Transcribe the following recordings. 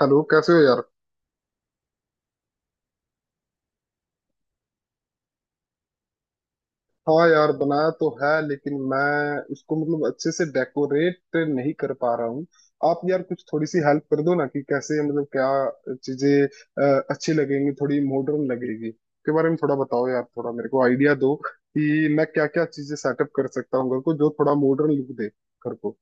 Hello, कैसे हो यार? हाँ यार, बनाया तो है, लेकिन मैं उसको मतलब अच्छे से डेकोरेट नहीं कर पा रहा हूँ। आप यार कुछ थोड़ी सी हेल्प कर दो ना, कि कैसे मतलब क्या चीजें अच्छी लगेंगी, थोड़ी मॉडर्न लगेगी के बारे में थोड़ा बताओ यार। थोड़ा मेरे को आइडिया दो कि मैं क्या क्या चीजें सेटअप कर सकता हूँ घर को, जो थोड़ा मॉडर्न लुक दे घर को।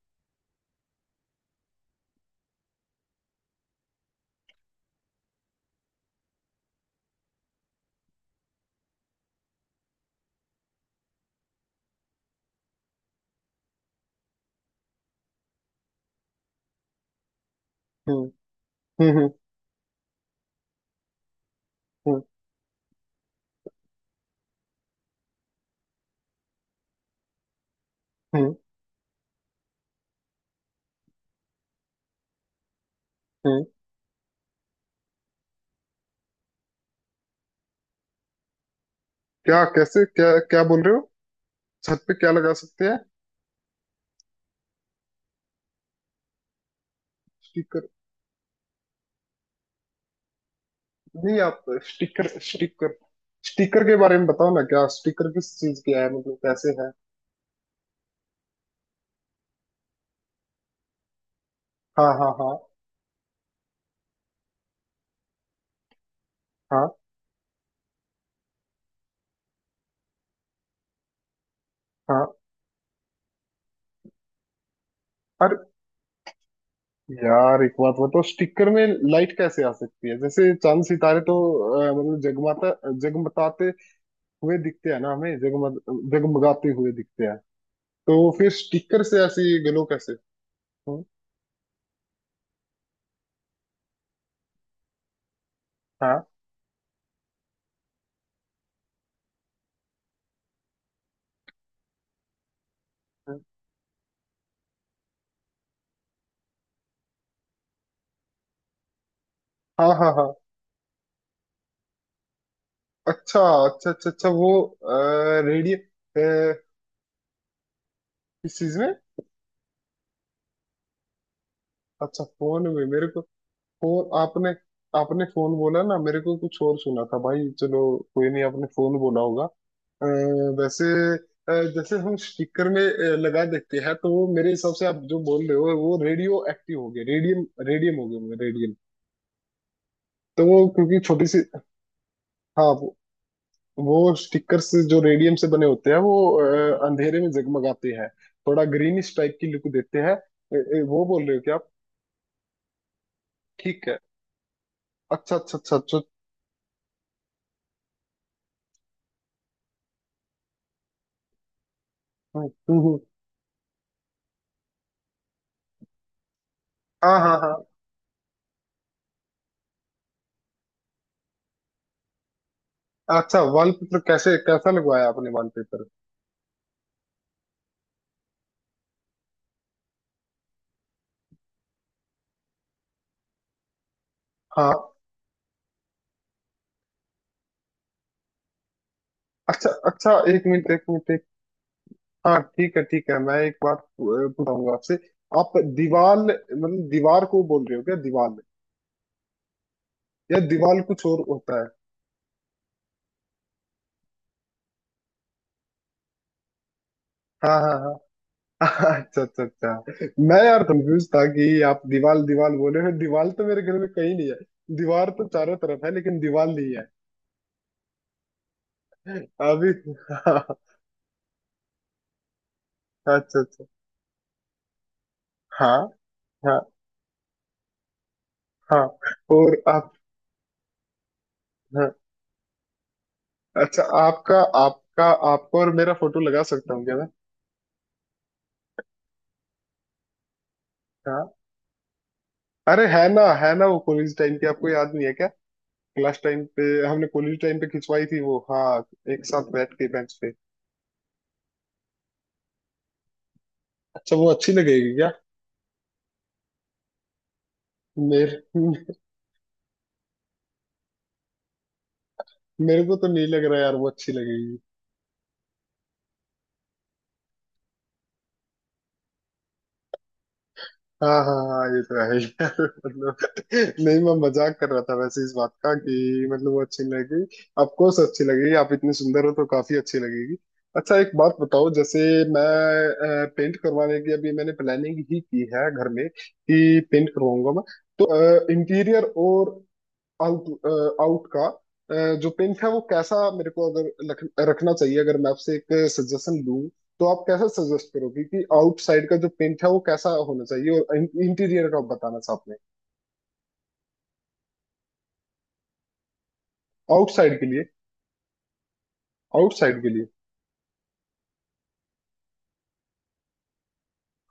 हम्म। हम्म हम्म हम्म हम्म हम्म। क्या? कैसे? क्या क्या बोल रहे हो? छत पे क्या लगा सकते हैं? स्टिकर? नहीं, आप स्टिकर स्टिकर स्टिकर के बारे में बताओ ना। क्या स्टिकर, किस चीज के है, मतलब कैसे है? हाँ हाँ हाँ हाँ। हाँ। अरे यार, एक बात बताओ, स्टिकर में लाइट कैसे आ सकती है? जैसे चांद सितारे तो मतलब जगमाता जगमगाते हुए दिखते हैं ना हमें, जगमग जगमगाते हुए दिखते हैं। तो फिर स्टिकर से ऐसी ग्लो कैसे? हम्म, हाँ हाँ हाँ। हाँ। अच्छा अच्छा अच्छा अच्छा, वो रेडियो किस चीज में? अच्छा, फोन में मेरे को। और आपने आपने फोन बोला ना? मेरे को कुछ और सुना था भाई। चलो, कोई नहीं, आपने फोन बोला होगा। अ, वैसे जैसे हम स्टिकर में लगा देते हैं, तो वो मेरे हिसाब से आप जो बोल रहे हो वो रेडियो एक्टिव हो गए, रेडियम, रेडियम हो गए, रेडियम। तो वो क्योंकि छोटी सी हाँ, वो स्टिकर्स जो रेडियम से बने होते हैं वो अंधेरे में जगमगाते हैं, थोड़ा ग्रीनिश टाइप की लुक देते हैं। वो बोल रहे हो क्या आप? ठीक है। अच्छा अच्छा अच्छा अच्छा। हम्म, हम्म, हम्म। हाँ हाँ हाँ। अच्छा, वॉलपेपर कैसे, कैसा लगवाया आपने वॉलपेपर? हाँ, अच्छा अच्छा, एक मिनट एक मिनट एक, हाँ ठीक है ठीक है। मैं एक बात पूछूंगा आपसे। आप दीवार मतलब दीवार को बोल रहे हो क्या, दीवार? या दीवार कुछ और होता है? हाँ हाँ हाँ। अच्छा अच्छा अच्छा, मैं यार कंफ्यूज था कि आप दीवार दीवार बोले हो। दीवार तो मेरे घर में कहीं नहीं है, दीवार तो चारों तरफ है, लेकिन दीवार नहीं है। अभी हाँ। अच्छा अच्छा। हाँ हाँ हाँ। और आप, हाँ, अच्छा, आपका आपका, आपको और मेरा फोटो लगा सकता हूँ क्या मैं? हाँ, अरे है ना, है ना, वो कॉलेज टाइम की आपको याद नहीं है क्या? क्लास टाइम पे हमने, कॉलेज टाइम पे खिंचवाई थी वो, हाँ। एक साथ बैठ के बेंच पे। अच्छा, वो अच्छी लगेगी क्या? मेरे मेरे को तो नहीं लग रहा यार वो अच्छी लगेगी। हाँ हाँ हाँ, ये तो है यार। मतलब नहीं, मैं मजाक कर रहा था वैसे, इस बात का कि मतलब वो अच्छी नहीं लगी। ऑफकोर्स अच्छी लगेगी, आप इतनी सुंदर हो तो काफी अच्छी लगेगी। अच्छा एक बात बताओ, जैसे मैं पेंट करवाने की अभी मैंने प्लानिंग ही की है घर में कि पेंट करवाऊंगा मैं। तो इंटीरियर और आउट आउट का, अ, जो पिंक है वो कैसा मेरे को अगर रखना चाहिए। अगर मैं आपसे एक सजेशन दूं तो आप कैसा सजेस्ट करोगे कि आउटसाइड का जो पेंट है वो कैसा होना चाहिए, और इंटीरियर का आप बताना था आपने। आउटसाइड के लिए? आउटसाइड के लिए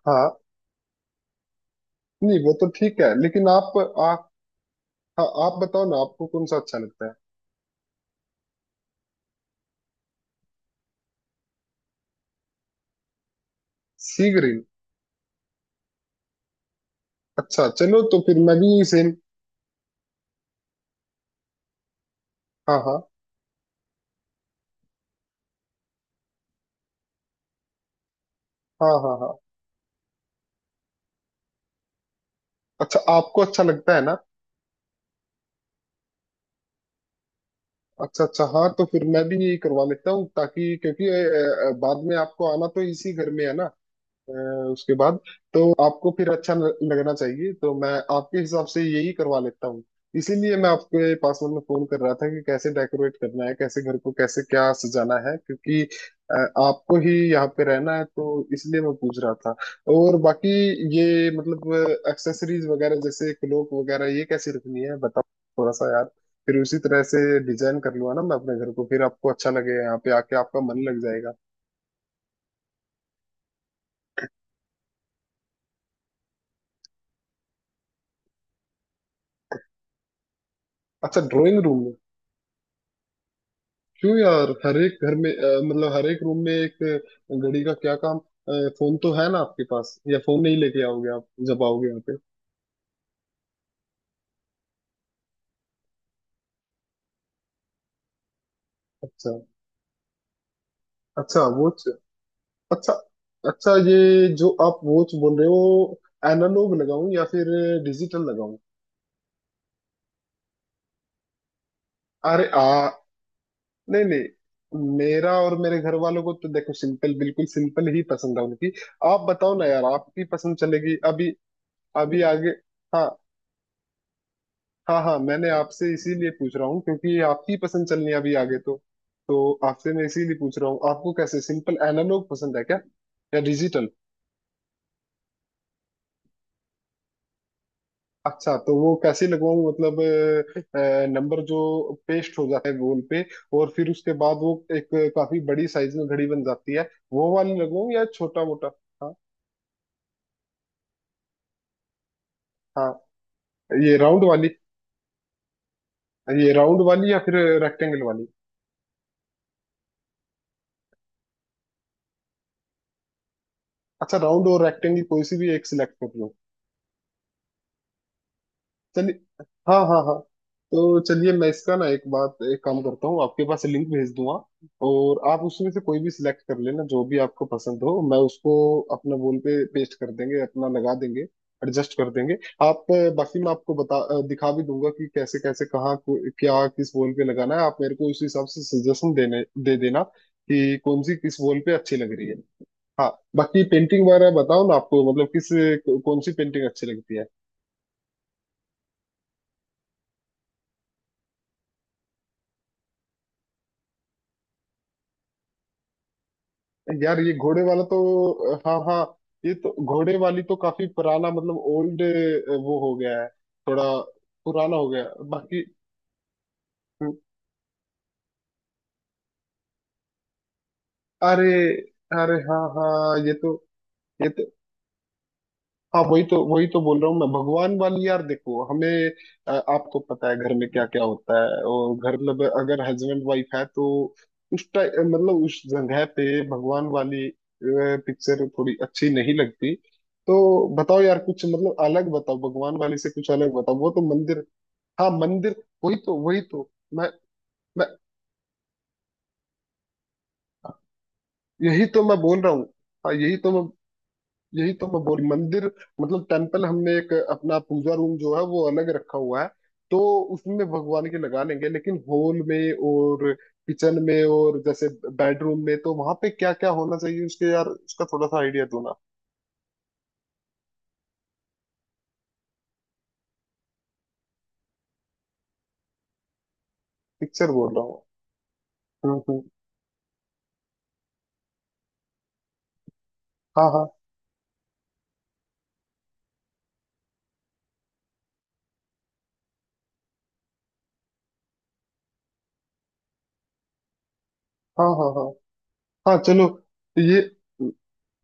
हाँ। नहीं, वो तो ठीक है, लेकिन आप हाँ, आप बताओ ना, आपको कौन सा अच्छा लगता है? सी ग्रीन? अच्छा, चलो, तो फिर मैं भी सेम। हाँ हाँ हाँ। हाँ हाँ। अच्छा, आपको अच्छा लगता है ना? अच्छा अच्छा, हाँ, तो फिर मैं भी यही करवा लेता हूँ। ताकि क्योंकि बाद में आपको आना तो इसी घर में है ना, अ, उसके बाद। तो आपको फिर अच्छा लगना चाहिए, तो मैं आपके हिसाब से यही करवा लेता हूँ। इसीलिए मैं आपके पास मतलब फोन कर रहा था कि कैसे डेकोरेट करना है, कैसे घर को, कैसे क्या सजाना है। क्योंकि अ, आपको ही यहाँ पे रहना है, तो इसलिए मैं पूछ रहा था। और बाकी ये मतलब एक्सेसरीज वगैरह जैसे क्लोक वगैरह ये कैसे रखनी है बताओ थोड़ा सा यार। फिर उसी तरह से डिजाइन कर लूंगा ना मैं अपने घर को, फिर आपको अच्छा लगेगा यहाँ पे आके, आपका मन लग जाएगा। अच्छा ड्राइंग रूम? क्यों यार, हर एक घर में मतलब हर एक रूम में एक घड़ी का क्या काम? फोन तो है ना आपके पास, या फोन नहीं लेके आओगे आप जब आओगे यहाँ पे? अच्छा, अच्छा वॉच, अच्छा अच्छा। ये जो आप वॉच बोल रहे हो, एनालॉग लगाऊं या फिर डिजिटल लगाऊं? अरे आ नहीं नहीं, मेरा और मेरे घर वालों को तो देखो सिंपल, बिल्कुल सिंपल ही पसंद है उनकी। आप बताओ ना यार, आपकी पसंद चलेगी अभी, अभी आगे। हाँ हाँ हाँ, मैंने आपसे इसीलिए पूछ रहा हूँ क्योंकि आपकी पसंद चलनी है अभी आगे। तो आपसे मैं इसीलिए पूछ रहा हूँ, आपको कैसे, सिंपल एनालॉग पसंद है क्या या डिजिटल? अच्छा, तो वो कैसे लगवाऊं? मतलब नंबर जो पेस्ट हो जाता है गोल पे, और फिर उसके बाद वो एक काफी बड़ी साइज में घड़ी बन जाती है, वो वाली लगवाऊं या छोटा मोटा? हाँ हाँ। ये राउंड वाली, ये राउंड वाली या फिर रेक्टेंगल वाली? अच्छा, राउंड और रेक्टेंगल कोई सी भी एक सिलेक्ट कर, चलिए। हाँ हाँ हाँ। तो चलिए, मैं इसका ना एक बात, एक काम करता हूँ, आपके पास लिंक भेज दूंगा और आप उसमें से कोई भी सिलेक्ट कर लेना जो भी आपको पसंद हो, मैं उसको अपना वॉल पे पेस्ट कर देंगे, अपना लगा देंगे, एडजस्ट कर देंगे। आप बाकी मैं आपको दिखा भी दूंगा कि कैसे कैसे कहाँ क्या किस वॉल पे लगाना है। आप मेरे को उस हिसाब से सजेशन देने दे देना कि कौन सी किस वॉल पे अच्छी लग रही है। हाँ। बाकी पेंटिंग वगैरह बताओ ना आपको मतलब किस कौन सी पेंटिंग अच्छी लगती है? यार ये घोड़े वाला तो, हाँ हाँ, ये तो घोड़े वाली तो काफी पुराना मतलब ओल्ड वो हो गया है थोड़ा, पुराना हो गया है। बाकी अरे, हाँ हाँ, ये तो, ये तो, हाँ वही तो, बोल रहा हूँ मैं, भगवान वाली। यार देखो हमें, आपको पता है घर में क्या क्या होता है, और घर में अगर हस्बैंड वाइफ है तो उस टाइम मतलब उस जगह पे भगवान वाली पिक्चर थोड़ी अच्छी नहीं लगती। तो बताओ यार कुछ मतलब अलग बताओ, भगवान वाली से कुछ अलग बताओ, वो तो मंदिर। हाँ मंदिर, वही तो, वही तो। मैं मैं यही तो मैं बोल रहा हूँ। हाँ यही तो मैं, बोल, मंदिर मतलब टेम्पल, हमने एक अपना पूजा रूम जो है वो अलग रखा हुआ है, तो उसमें भगवान के लगा लेंगे। लेकिन हॉल में, और किचन में, और जैसे बेडरूम में, तो वहां पे क्या क्या होना चाहिए उसके, यार उसका थोड़ा सा आइडिया दो ना। पिक्चर बोल रहा हूँ। हम्म, हम्म, हाँ हाँ हाँ। हाँ हाँ। हाँ चलो, ये,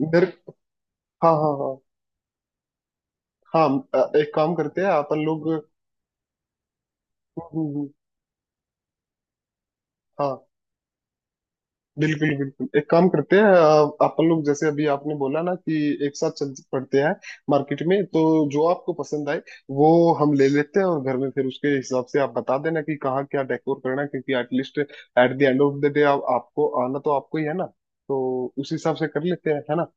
मेरे, हाँ हाँ हाँ। हाँ, एक काम करते हैं अपन लोग। हम्म, हम्म, हम्म, हाँ बिल्कुल बिल्कुल, एक काम करते हैं आप अपन लोग, जैसे अभी आपने बोला ना कि एक साथ चल पड़ते हैं मार्केट में, तो जो आपको पसंद आए वो हम ले लेते हैं, और घर में फिर उसके हिसाब से आप बता देना कि कहाँ क्या डेकोर करना है। क्योंकि at least at the end of the day आपको आना तो आपको ही है ना, तो उस हिसाब से कर लेते हैं है ना?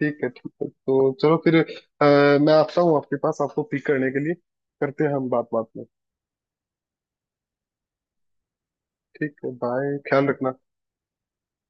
ठीक है ठीक है, तो चलो फिर मैं आता हूँ आपके पास आपको पिक करने के लिए। करते हैं हम बात, बात में। ठीक है, बाय, ख्याल रखना।